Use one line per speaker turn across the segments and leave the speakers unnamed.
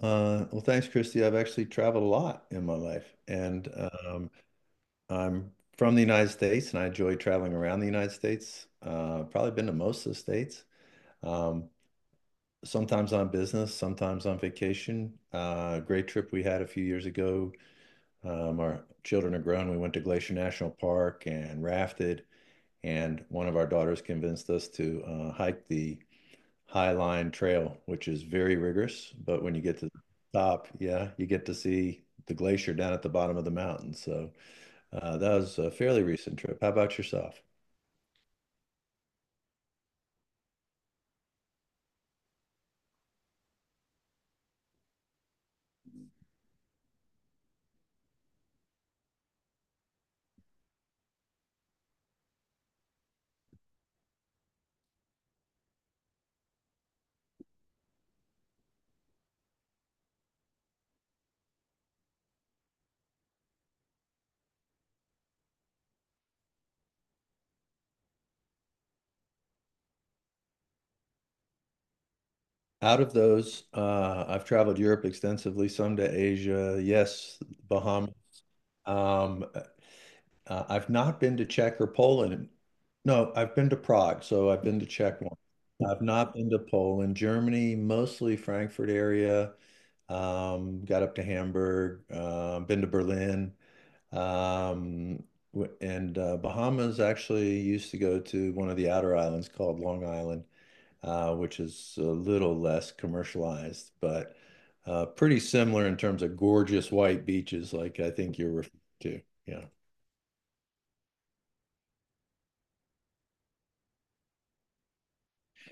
Well, thanks, Christy. I've actually traveled a lot in my life, and I'm from the United States, and I enjoy traveling around the United States. Probably been to most of the states. Um, Sometimes on business, sometimes on vacation. Great trip we had a few years ago. Our children are grown. We went to Glacier National Park and rafted, and one of our daughters convinced us to hike the Highline Trail, which is very rigorous. But when you get to the top, yeah, you get to see the glacier down at the bottom of the mountain. So that was a fairly recent trip. How about yourself? Out of those, I've traveled Europe extensively, some to Asia, yes, Bahamas. Um, I've not been to Czech or Poland. No, I've been to Prague, so I've been to Czech one. I've not been to Poland, Germany, mostly Frankfurt area, got up to Hamburg, been to Berlin, um, and Bahamas actually used to go to one of the outer islands called Long Island, which is a little less commercialized, but pretty similar in terms of gorgeous white beaches, like I think you're referring to. Yeah.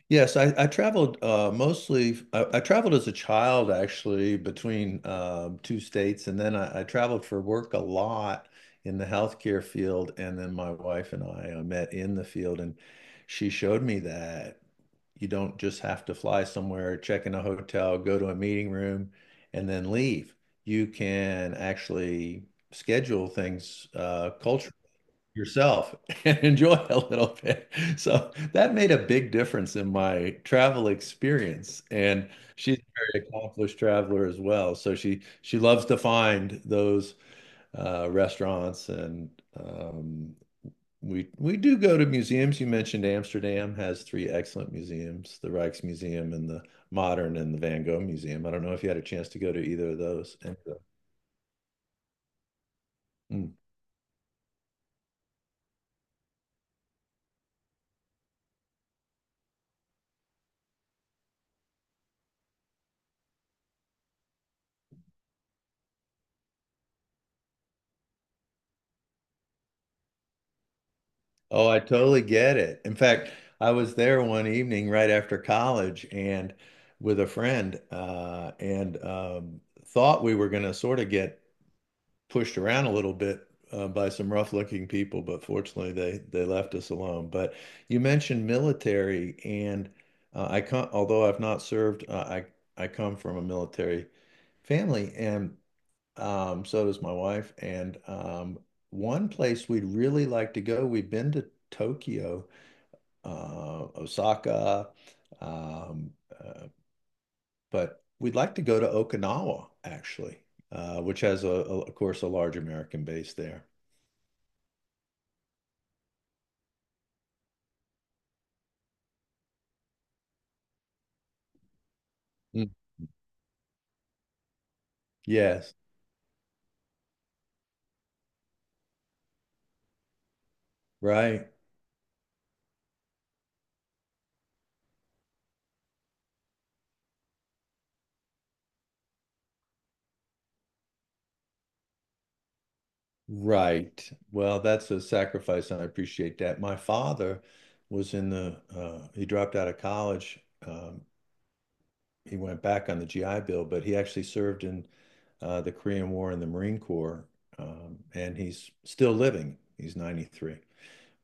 Yes, I traveled mostly. I traveled as a child, actually, between two states, and then I traveled for work a lot in the healthcare field. And then my wife and I met in the field, and she showed me that you don't just have to fly somewhere, check in a hotel, go to a meeting room, and then leave. You can actually schedule things culturally yourself and enjoy a little bit. So that made a big difference in my travel experience. And she's a very accomplished traveler as well. So she loves to find those restaurants and um, we do go to museums. You mentioned Amsterdam has three excellent museums, the Rijksmuseum and the Modern and the Van Gogh Museum. I don't know if you had a chance to go to either of those. And, hmm. Oh, I totally get it. In fact, I was there one evening right after college and with a friend, and thought we were going to sort of get pushed around a little bit by some rough-looking people, but fortunately they left us alone. But you mentioned military, and I come, although I've not served, I come from a military family, and so does my wife. And one place we'd really like to go, we've been to Tokyo Osaka. um, uh, But we'd like to go to Okinawa, actually, which has, of course, a large American base there. Mm. Yes, right, right. Well, that's a sacrifice, and I appreciate that. My father was in the, he dropped out of college. Um, he went back on the GI Bill, but he actually served in the Korean War in the Marine Corps, and he's still living. He's 93.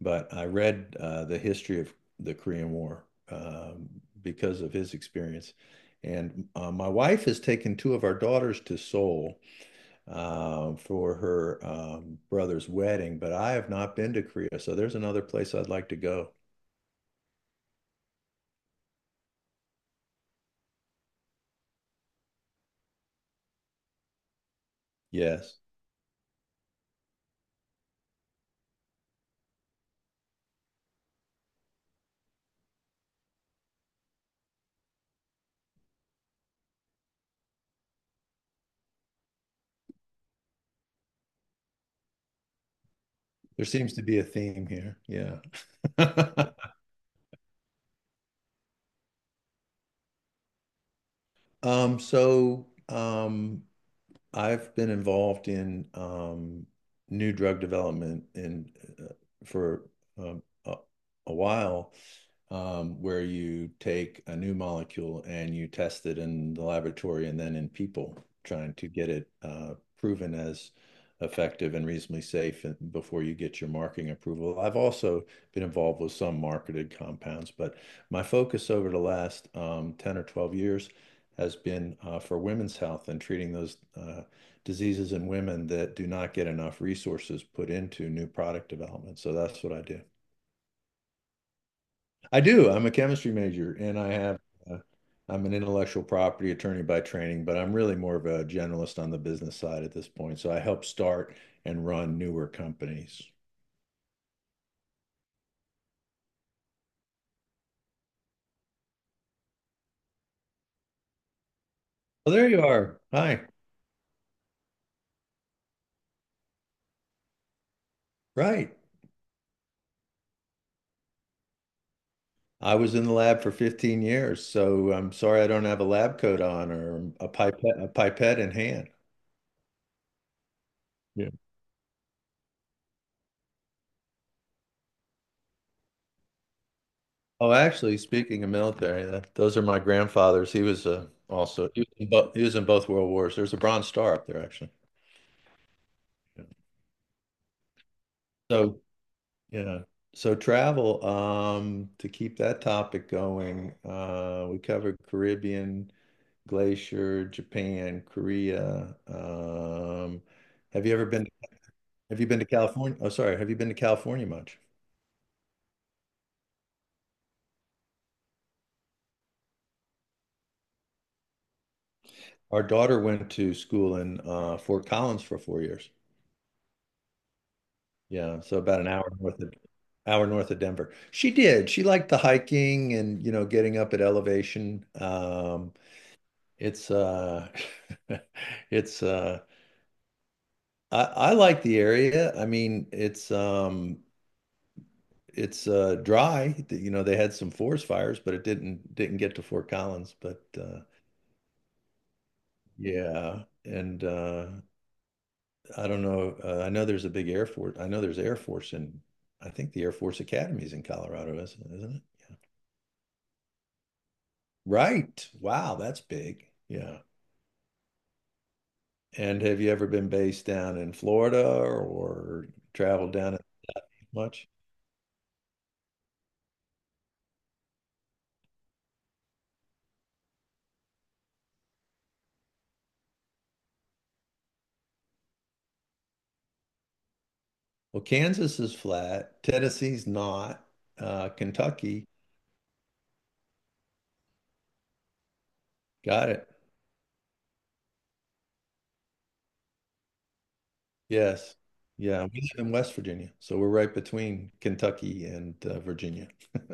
But I read the history of the Korean War because of his experience. And my wife has taken two of our daughters to Seoul for her brother's wedding, but I have not been to Korea. So there's another place I'd like to go. Yes, there seems to be a theme here. Yeah. So I've been involved in new drug development in uh, for um, a, a while. Where you take a new molecule and you test it in the laboratory and then in people, trying to get it proven as effective and reasonably safe before you get your marketing approval. I've also been involved with some marketed compounds, but my focus over the last 10 or 12 years has been for women's health and treating those diseases in women that do not get enough resources put into new product development. So that's what I do. I do. I'm a chemistry major and I have uh, I'm an intellectual property attorney by training, but I'm really more of a generalist on the business side at this point. So I help start and run newer companies. Well, there you are. Hi. Right. I was in the lab for 15 years, so I'm sorry I don't have a lab coat on or a pipette in hand. Yeah. Oh, actually, speaking of military, those are my grandfather's. He was in he was in both World Wars. There's a Bronze Star up there, actually. Yeah. So yeah. So travel, to keep that topic going, we covered Caribbean, Glacier, Japan, Korea. Have you ever been, have you been to California? Oh, sorry. Have you been to California much? Our daughter went to school in Fort Collins for 4 years. Yeah, so about an hour north of Denver. She did. She liked the hiking and you know getting up at elevation. It's it's uh, I like the area. I mean, it's dry. You know, they had some forest fires, but it didn't get to Fort Collins. But yeah, and I don't know. I know there's a big Air Force. I think the Air Force Academy is in Colorado, isn't it? Right. Wow, that's big. Yeah. And have you ever been based down in Florida or traveled down it much? Well, Kansas is flat. Tennessee's not. Kentucky Got it. Yes. Yeah, we live in West Virginia, so we're right between Kentucky and Virginia.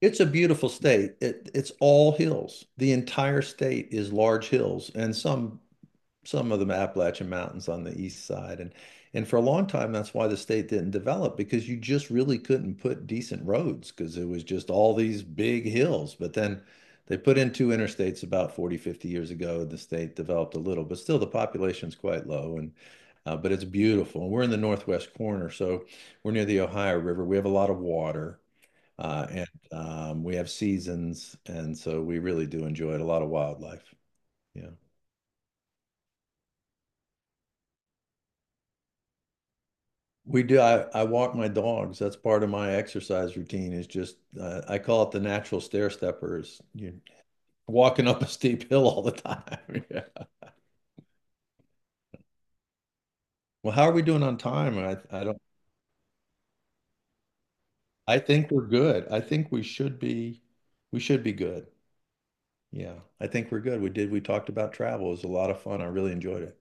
It's a beautiful state. It's all hills. The entire state is large hills and some of the Appalachian Mountains on the east side. And for a long time, that's why the state didn't develop because you just really couldn't put decent roads because it was just all these big hills. But then they put in two interstates about 40-50 years ago, and the state developed a little, but still the population's quite low. And but it's beautiful. And we're in the northwest corner, so we're near the Ohio River. We have a lot of water. And We have seasons, and so we really do enjoy it. A lot of wildlife. Yeah. We do. I walk my dogs. That's part of my exercise routine is just, I call it the natural stair steppers. You're walking up a steep hill all the time. Yeah. Well, how are we doing on time? I don't, I think we're good. I think we should be good. Yeah. I think we're good. We did. We talked about travel. It was a lot of fun. I really enjoyed it.